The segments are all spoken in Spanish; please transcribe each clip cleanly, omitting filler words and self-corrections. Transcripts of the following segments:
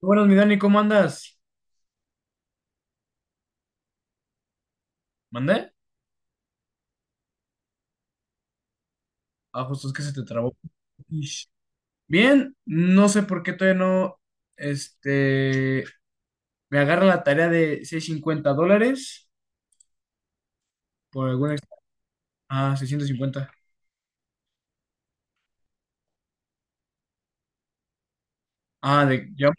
Buenas, mi Dani, ¿cómo andas? ¿Mandé? Ah, justo es que se te trabó. Ish. Bien, no sé por qué todavía no, este, me agarra la tarea de $650 por alguna... Ah, 650. Ah, de... Ya.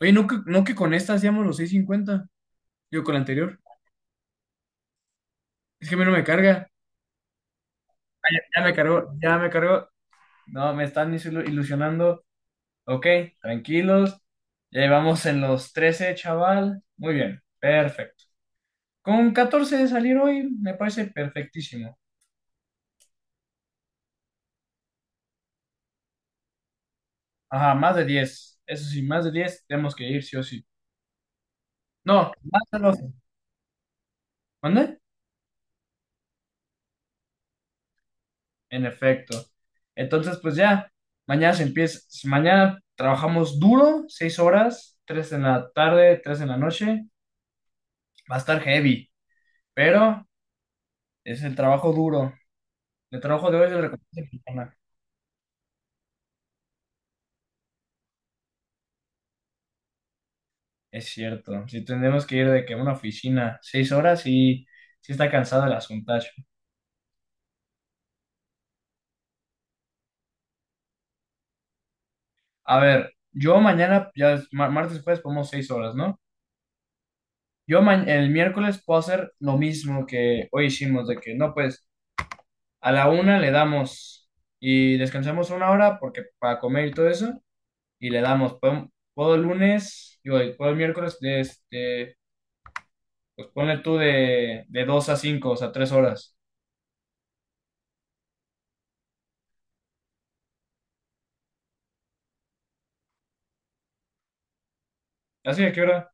Oye, ¿no que con esta hacíamos los 650? Digo, con la anterior. Es que a mí no me carga. Ah, ya, ya me cargó, ya me cargó. No, me están ilusionando. Ok, tranquilos. Ya llevamos en los 13, chaval. Muy bien, perfecto. Con 14 de salir hoy me parece perfectísimo. Ajá, más de diez. Eso sí, más de 10 tenemos que ir sí o sí. No, más de doce. ¿Dónde? En efecto. Entonces, mañana se empieza. Mañana trabajamos duro, 6 horas, 3 en la tarde, 3 en la noche. Va a estar heavy, pero es el trabajo duro. El trabajo de hoy es el recompensa mexicana. Es cierto. Si tenemos que ir de que a una oficina 6 horas, sí, sí está cansado el asuntacho. A ver, yo mañana, ya es martes y jueves ponemos seis horas, ¿no? Yo el miércoles puedo hacer lo mismo que hoy hicimos, de que no, pues a la una le damos y descansamos una hora porque para comer y todo eso, y le damos, puedo el miércoles, pues ponle tú de dos a cinco, o sea, tres horas. ¿Así a qué hora?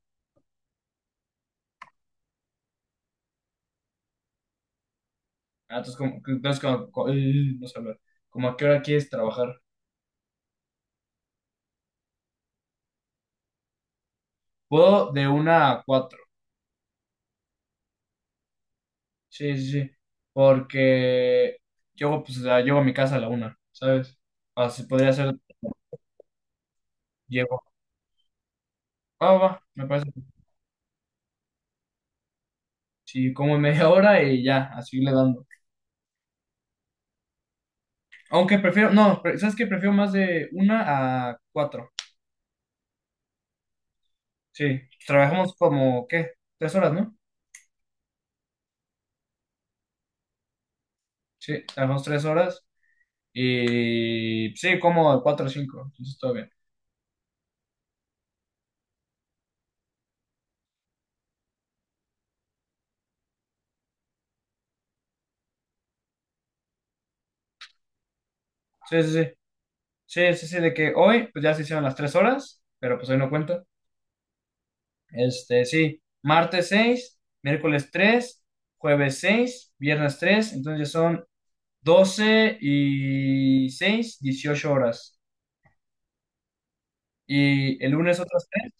Ah, entonces, como, entonces no sé hablar. ¿Cómo a qué hora quieres trabajar? Puedo de una a cuatro. Sí, sí, sí. Porque llego, pues, o sea, llego a mi casa a la una, ¿sabes? Así podría ser, llego. Ah, va, me parece. Sí, como media hora y ya, así le dando. Aunque prefiero, no, pre- ¿sabes qué? Prefiero más de una a cuatro. Sí, trabajamos como, ¿qué? Tres horas, ¿no? Sí, trabajamos tres horas y sí, como de cuatro a cinco, entonces todo bien. Sí, sí, sí. Sí, sí, sí, de que hoy, pues ya se hicieron las tres horas, pero pues hoy no cuenta. Sí, martes seis, miércoles tres, jueves seis, viernes tres, entonces son 12 y seis, dieciocho horas. Y el lunes otras 3,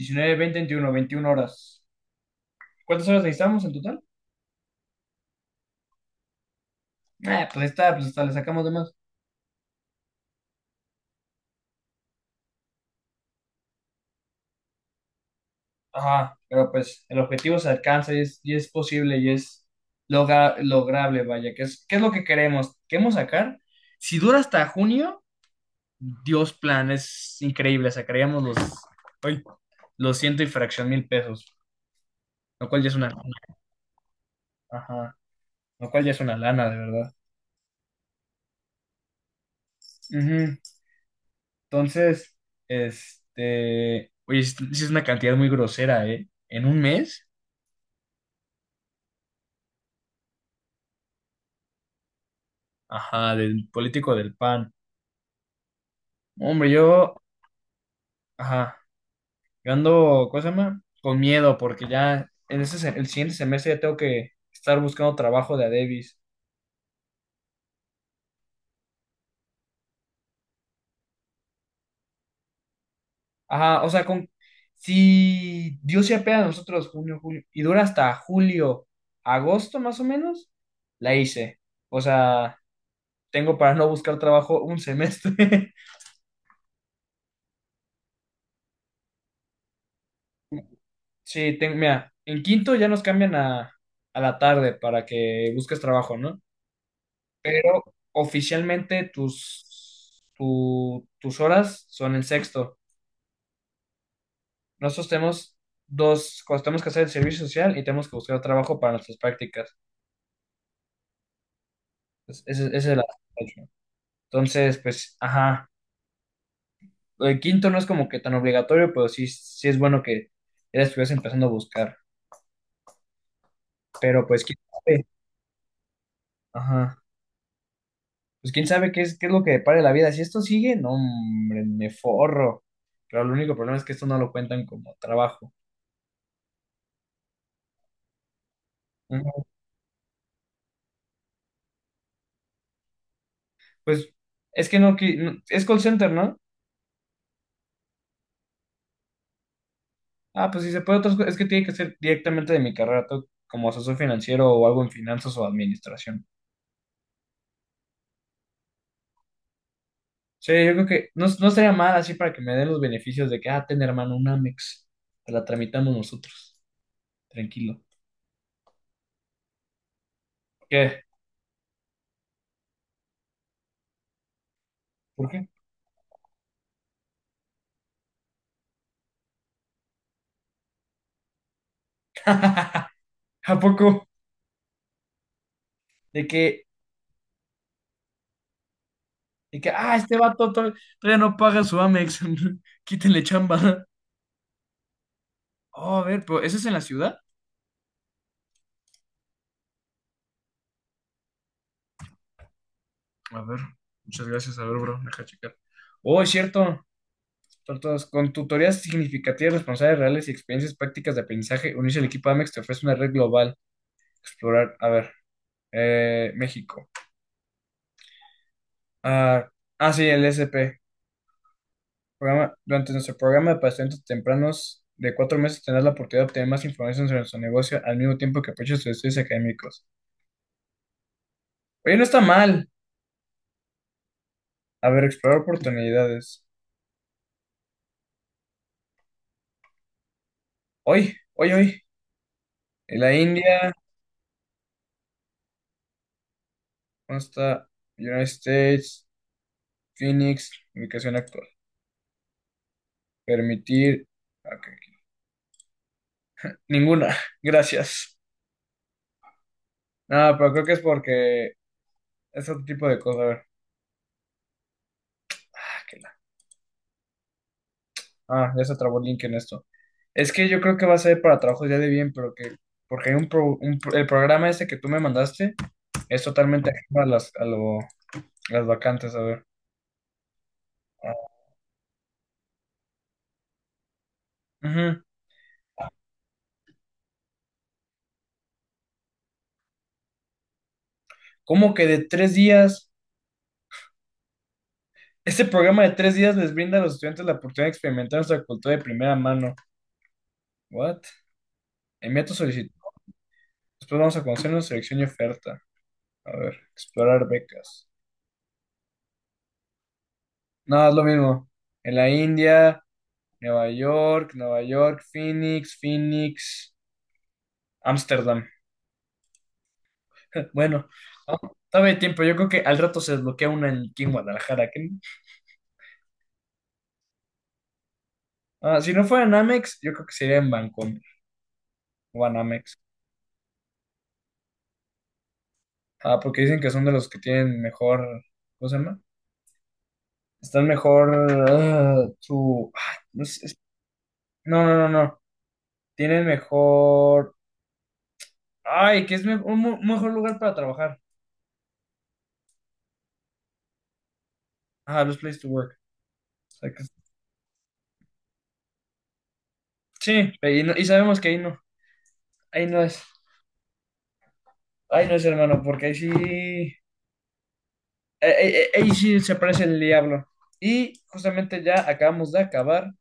19, 20, veintiuno 21 horas. ¿Cuántas horas necesitamos en total? Pues ahí está, pues hasta le sacamos de más. Ajá, pero pues el objetivo se alcanza y es posible y es lograble, vaya, que es, ¿qué es lo que queremos? Queremos sacar, si dura hasta junio, Dios plan, es increíble. Sacaríamos los, ay, los ciento y fracción mil pesos, lo cual ya es una lana. Ajá, lo cual ya es una lana, de verdad. Ujú. Entonces, oye, es, sí es una cantidad muy grosera, ¿eh? En un mes, ajá, del político del PAN. Hombre, yo, ajá, yo ando, ¿cómo se llama? Con miedo, porque ya en el siguiente semestre ya tengo que estar buscando trabajo de a Davis. Ajá, o sea, con, si Dios se apea a nosotros junio, julio, y dura hasta julio, agosto más o menos, la hice. O sea, tengo para no buscar trabajo un semestre. Sí, tengo, mira, en quinto ya nos cambian a la tarde para que busques trabajo, ¿no? Pero oficialmente tus horas son en sexto. Nosotros tenemos dos cosas, tenemos que hacer el servicio social y tenemos que buscar trabajo para nuestras prácticas. Entonces, ese es el. Entonces, pues, ajá, el quinto no es como que tan obligatorio, pero sí, sí es bueno que ya la estuvieras empezando a buscar. Pero pues, quién sabe, ajá, pues quién sabe qué es lo que depare la vida. Si esto sigue, no, hombre, me forro. Pero el único problema es que esto no lo cuentan como trabajo. Ujú. Pues, es que no, es call center, ¿no? Ah, pues si se puede otras cosas, es que tiene que ser directamente de mi carrera, todo como asesor financiero o algo en finanzas o administración. Sí, yo creo que no, no estaría mal así para que me den los beneficios de que, ah, ten hermano, un Amex. Te la tramitamos nosotros. Tranquilo. ¿Qué? ¿Por qué? ¿A poco? De que, ah, este vato todavía no paga su Amex. Quítenle chamba. Oh, a ver, pero ¿eso es en la ciudad? A ver, muchas gracias. A ver, bro, deja checar. Oh, es cierto. Tortas, con tutorías significativas, responsables reales y experiencias prácticas de aprendizaje, unirse al equipo Amex te ofrece una red global. Explorar, a ver, México. Ah, ah, sí, el SP. Durante nuestro programa de pacientes tempranos de cuatro meses tendrás la oportunidad de obtener más información sobre nuestro negocio al mismo tiempo que apoyas tus estudios académicos. Oye, no está mal. A ver, explorar oportunidades. Hoy, hoy, hoy. En la India, ¿dónde está? United States, Phoenix, ubicación actual. Permitir. Ok, ninguna, gracias. No, pero creo que es porque es otro tipo de cosas. A ver, ah, ah, ya se trabó el link en esto. Es que yo creo que va a ser para trabajos ya de bien, pero que, porque hay el programa ese que tú me mandaste es totalmente ajeno a las vacantes, a ver. Ujú. ¿Cómo que de tres días? Este programa de tres días les brinda a los estudiantes la oportunidad de experimentar nuestra cultura de primera mano. ¿What? Envía tu solicitud. Después vamos a conocernos, selección y oferta. A ver, explorar becas. No, es lo mismo. En la India, Nueva York, Nueva York, Phoenix, Phoenix, Ámsterdam. Bueno, no, todavía hay tiempo. Yo creo que al rato se desbloquea una aquí en Guadalajara. No. Ah, si no fuera en Amex, yo creo que sería en Bancomer o en Amex. Ah, porque dicen que son de los que tienen mejor. ¿Cómo se llama? Están mejor. Ah, su. Ay, no, sé, es- no, no, no, no. Tienen mejor. Ay, que es mejor lugar para trabajar. Ah, best place to work. O sea que- sí, y sabemos que ahí no. Ahí no es. Ahí no es, hermano, porque ahí sí. Ahí sí se parece el diablo. Y justamente ya acabamos de acabar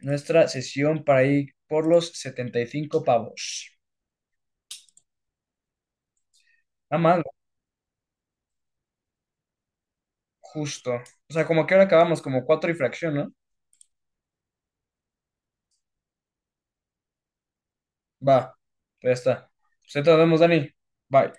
nuestra sesión para ir por los 75 pavos. Nada más, justo. O sea, como que ahora acabamos como cuatro y fracción, ¿no? Va, pues ya está. Pues ahí te nos vemos, Dani. Bye.